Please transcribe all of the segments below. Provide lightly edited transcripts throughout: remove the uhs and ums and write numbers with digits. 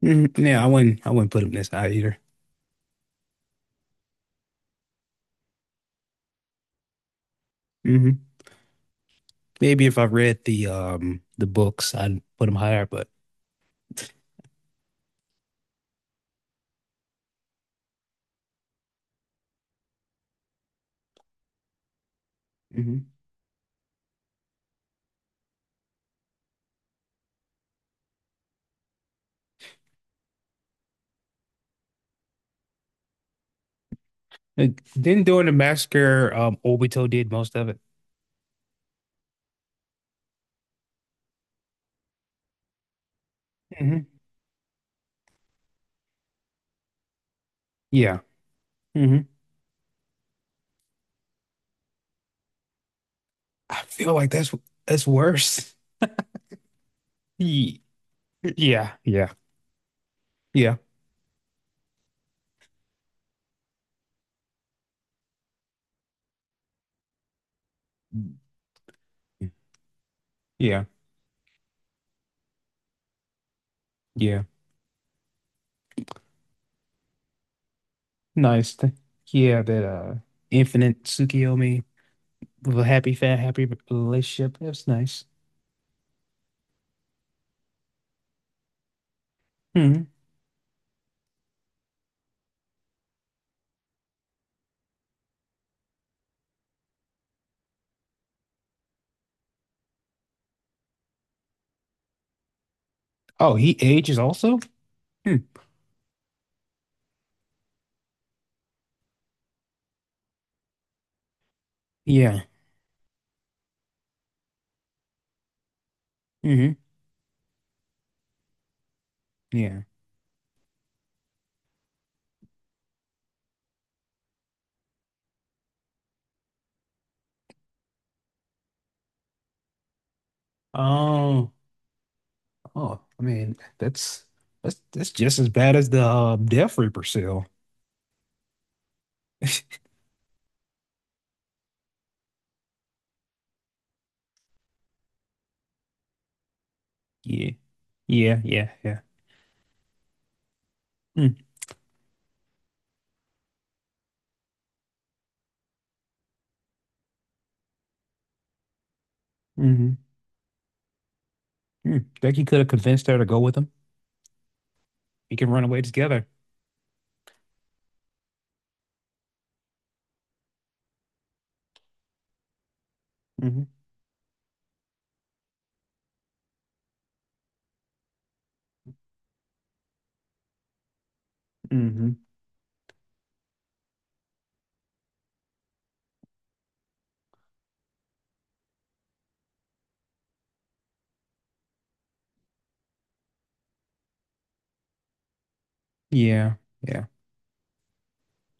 Hmm. Yeah, I wouldn't put him this high either. hmm Maybe if I read the books, I'd put him higher, but Mhm. Like, then during the massacre, Obito did most of it. Hmm. Yeah. hmm I feel like that's worse. Ye- Yeah, yeah, yeah, yeah, yeah. Nice. Yeah, that infinite Tsukiyomi with a happy fat happy relationship. That's nice. hmm Oh, he ages also? Hmm. Yeah. Hmm. Yeah. Oh, oh, I mean, that's just as bad as the Death Reaper seal. Yeah, yeah, yeah, yeah. Mm. Hmm. Mm. Think he could have convinced her to go with him. He can run away together. Hmm. Hmm. Yeah, yeah.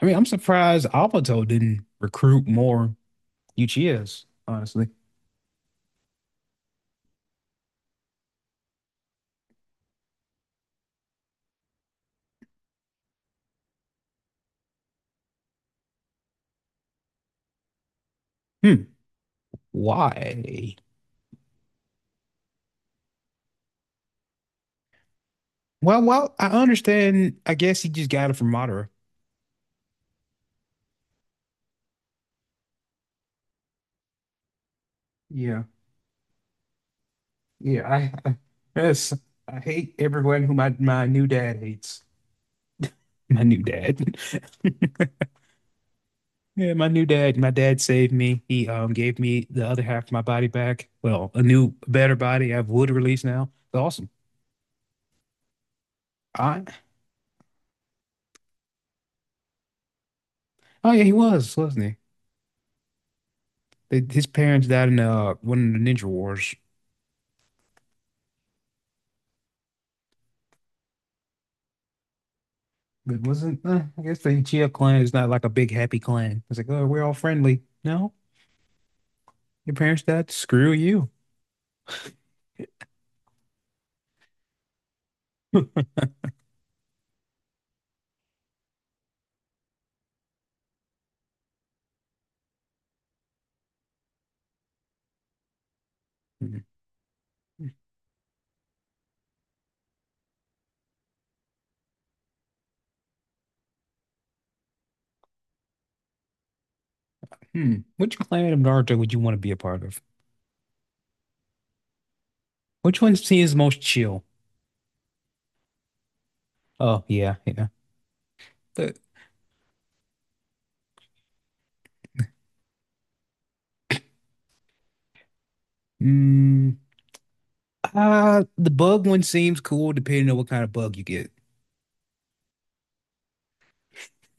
I mean, I'm surprised Obito didn't recruit more Uchihas, honestly. Hmm. Why? Well, I understand. I guess he just got it from Madara. Yeah. Yeah, I yes, I hate everyone who my new dad hates. My new dad. Yeah, my new dad. My dad saved me. He gave me the other half of my body back. Well, a new, better body. I have wood release now. It's awesome. I Oh yeah, he was, wasn't he? His parents died in one of the Ninja Wars. It wasn't. I guess the Uchiha clan is not like a big happy clan. It's like, oh, we're all friendly. No, your parents died. Screw you. Hmm. Hmm. Which clan of Naruto would you want to be a part of? Which one seems most chill? Oh yeah, yeah. The, mm, the bug one seems cool depending on what kind of bug you get.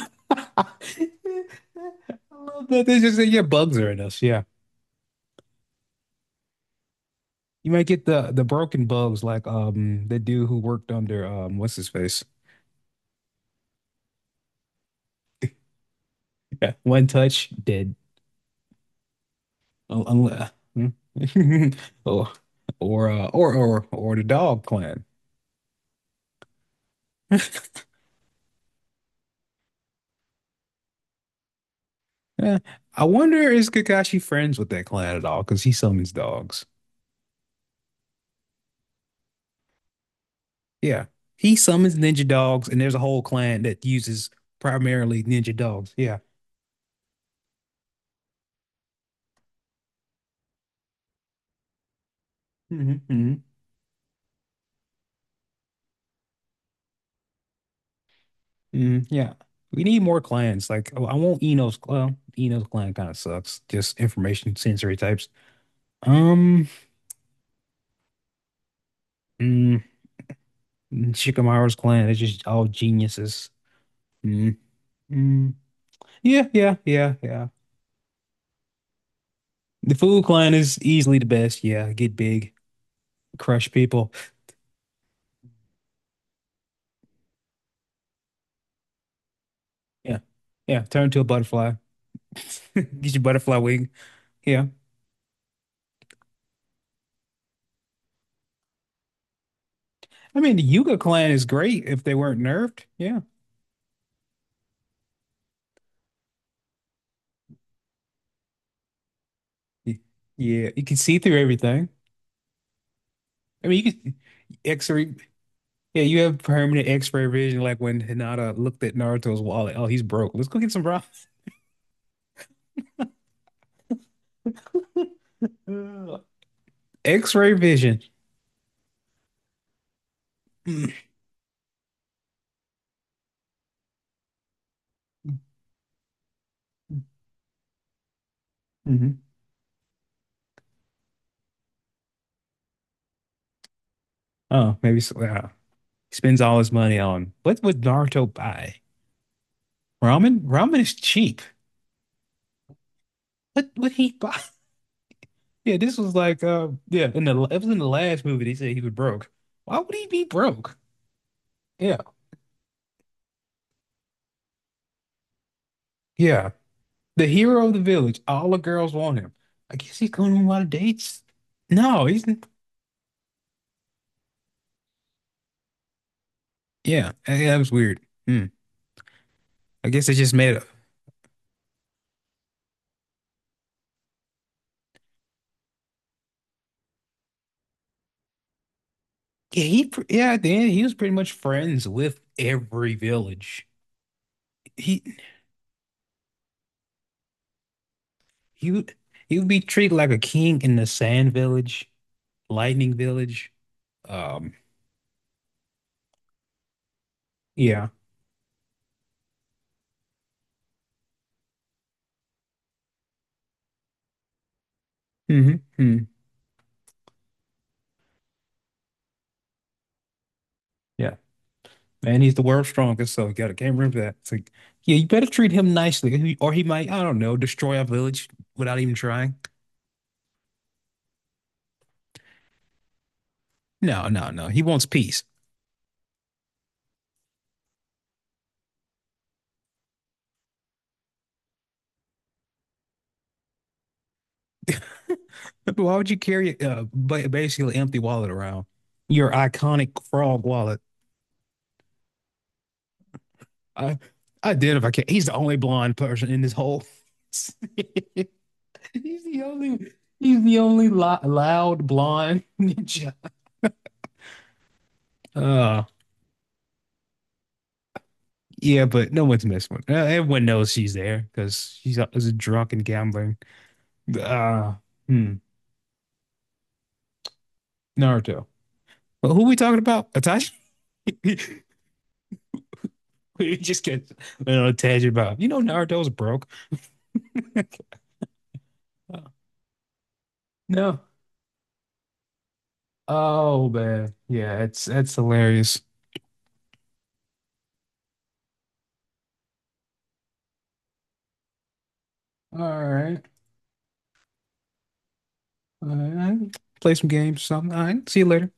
I love that. They just say, yeah, bugs are in us. Yeah. You might get the broken bugs like the dude who worked under what's his face? Yeah. One touch, dead. Oh. or or the dog clan. Yeah. I wonder, is Kakashi friends with that clan at all? Because he summons dogs. Yeah. He summons ninja dogs, and there's a whole clan that uses primarily ninja dogs. Yeah. Hmm. Hmm. Hmm. Yeah. We need more clans. Like, I want Eno's clan. Eno's clan kind of sucks. Just information sensory types. Um, mm, Shikamaru's clan is just all geniuses. Mm, mm. Yeah, yeah, yeah, yeah. The Food clan is easily the best. Yeah, get big, crush people. Yeah, yeah. Turn to a butterfly. Get your butterfly wing. Yeah. I mean, the Yuga clan is great if they weren't nerfed. Yeah. Y- Yeah. You can see through everything. I mean, you can X-ray. Yeah, you have permanent X-ray vision, like when Hinata looked at Naruto's wallet. Oh, he's broke. Let's go get some broth. Ugh. X-ray vision. hmm Oh, maybe so. Wow. He spends all his money on what would Naruto buy? Ramen? Ramen is cheap. What would he buy? Yeah, this was like, yeah, in the it was in the last movie. They said he was broke. Why would he be broke? Yeah. Yeah. The hero of the village. All the girls want him. I guess he's going on a lot of dates. No, he's yeah. That was weird. Hmm. I guess it's just made up. Yeah, yeah. At the end, he was pretty much friends with every village. He he would he would be treated like a king in the Sand Village, Lightning Village. Um. Yeah. Hmm. Hmm. Yeah. And he's the world's strongest, so you gotta can't remember that. It's like, yeah, you better treat him nicely, or he might, I don't know, destroy our village without even trying. No, no, no. He wants peace. But why would you carry basically an empty wallet around? Your iconic frog wallet. I I did if I can. He's the only blonde person in this whole. He's the only. He's the only loud blonde ninja. Uh, yeah, but no one's messing with. Everyone knows she's there because she's a, is drunk and gambling. Uh, hmm, Naruto. But who we talking about? Itachi. we just get on a little tangent about. Naruto's broke. No. Oh man. Yeah, it's hilarious. All right. All right. Play some games or something. All right. See you later.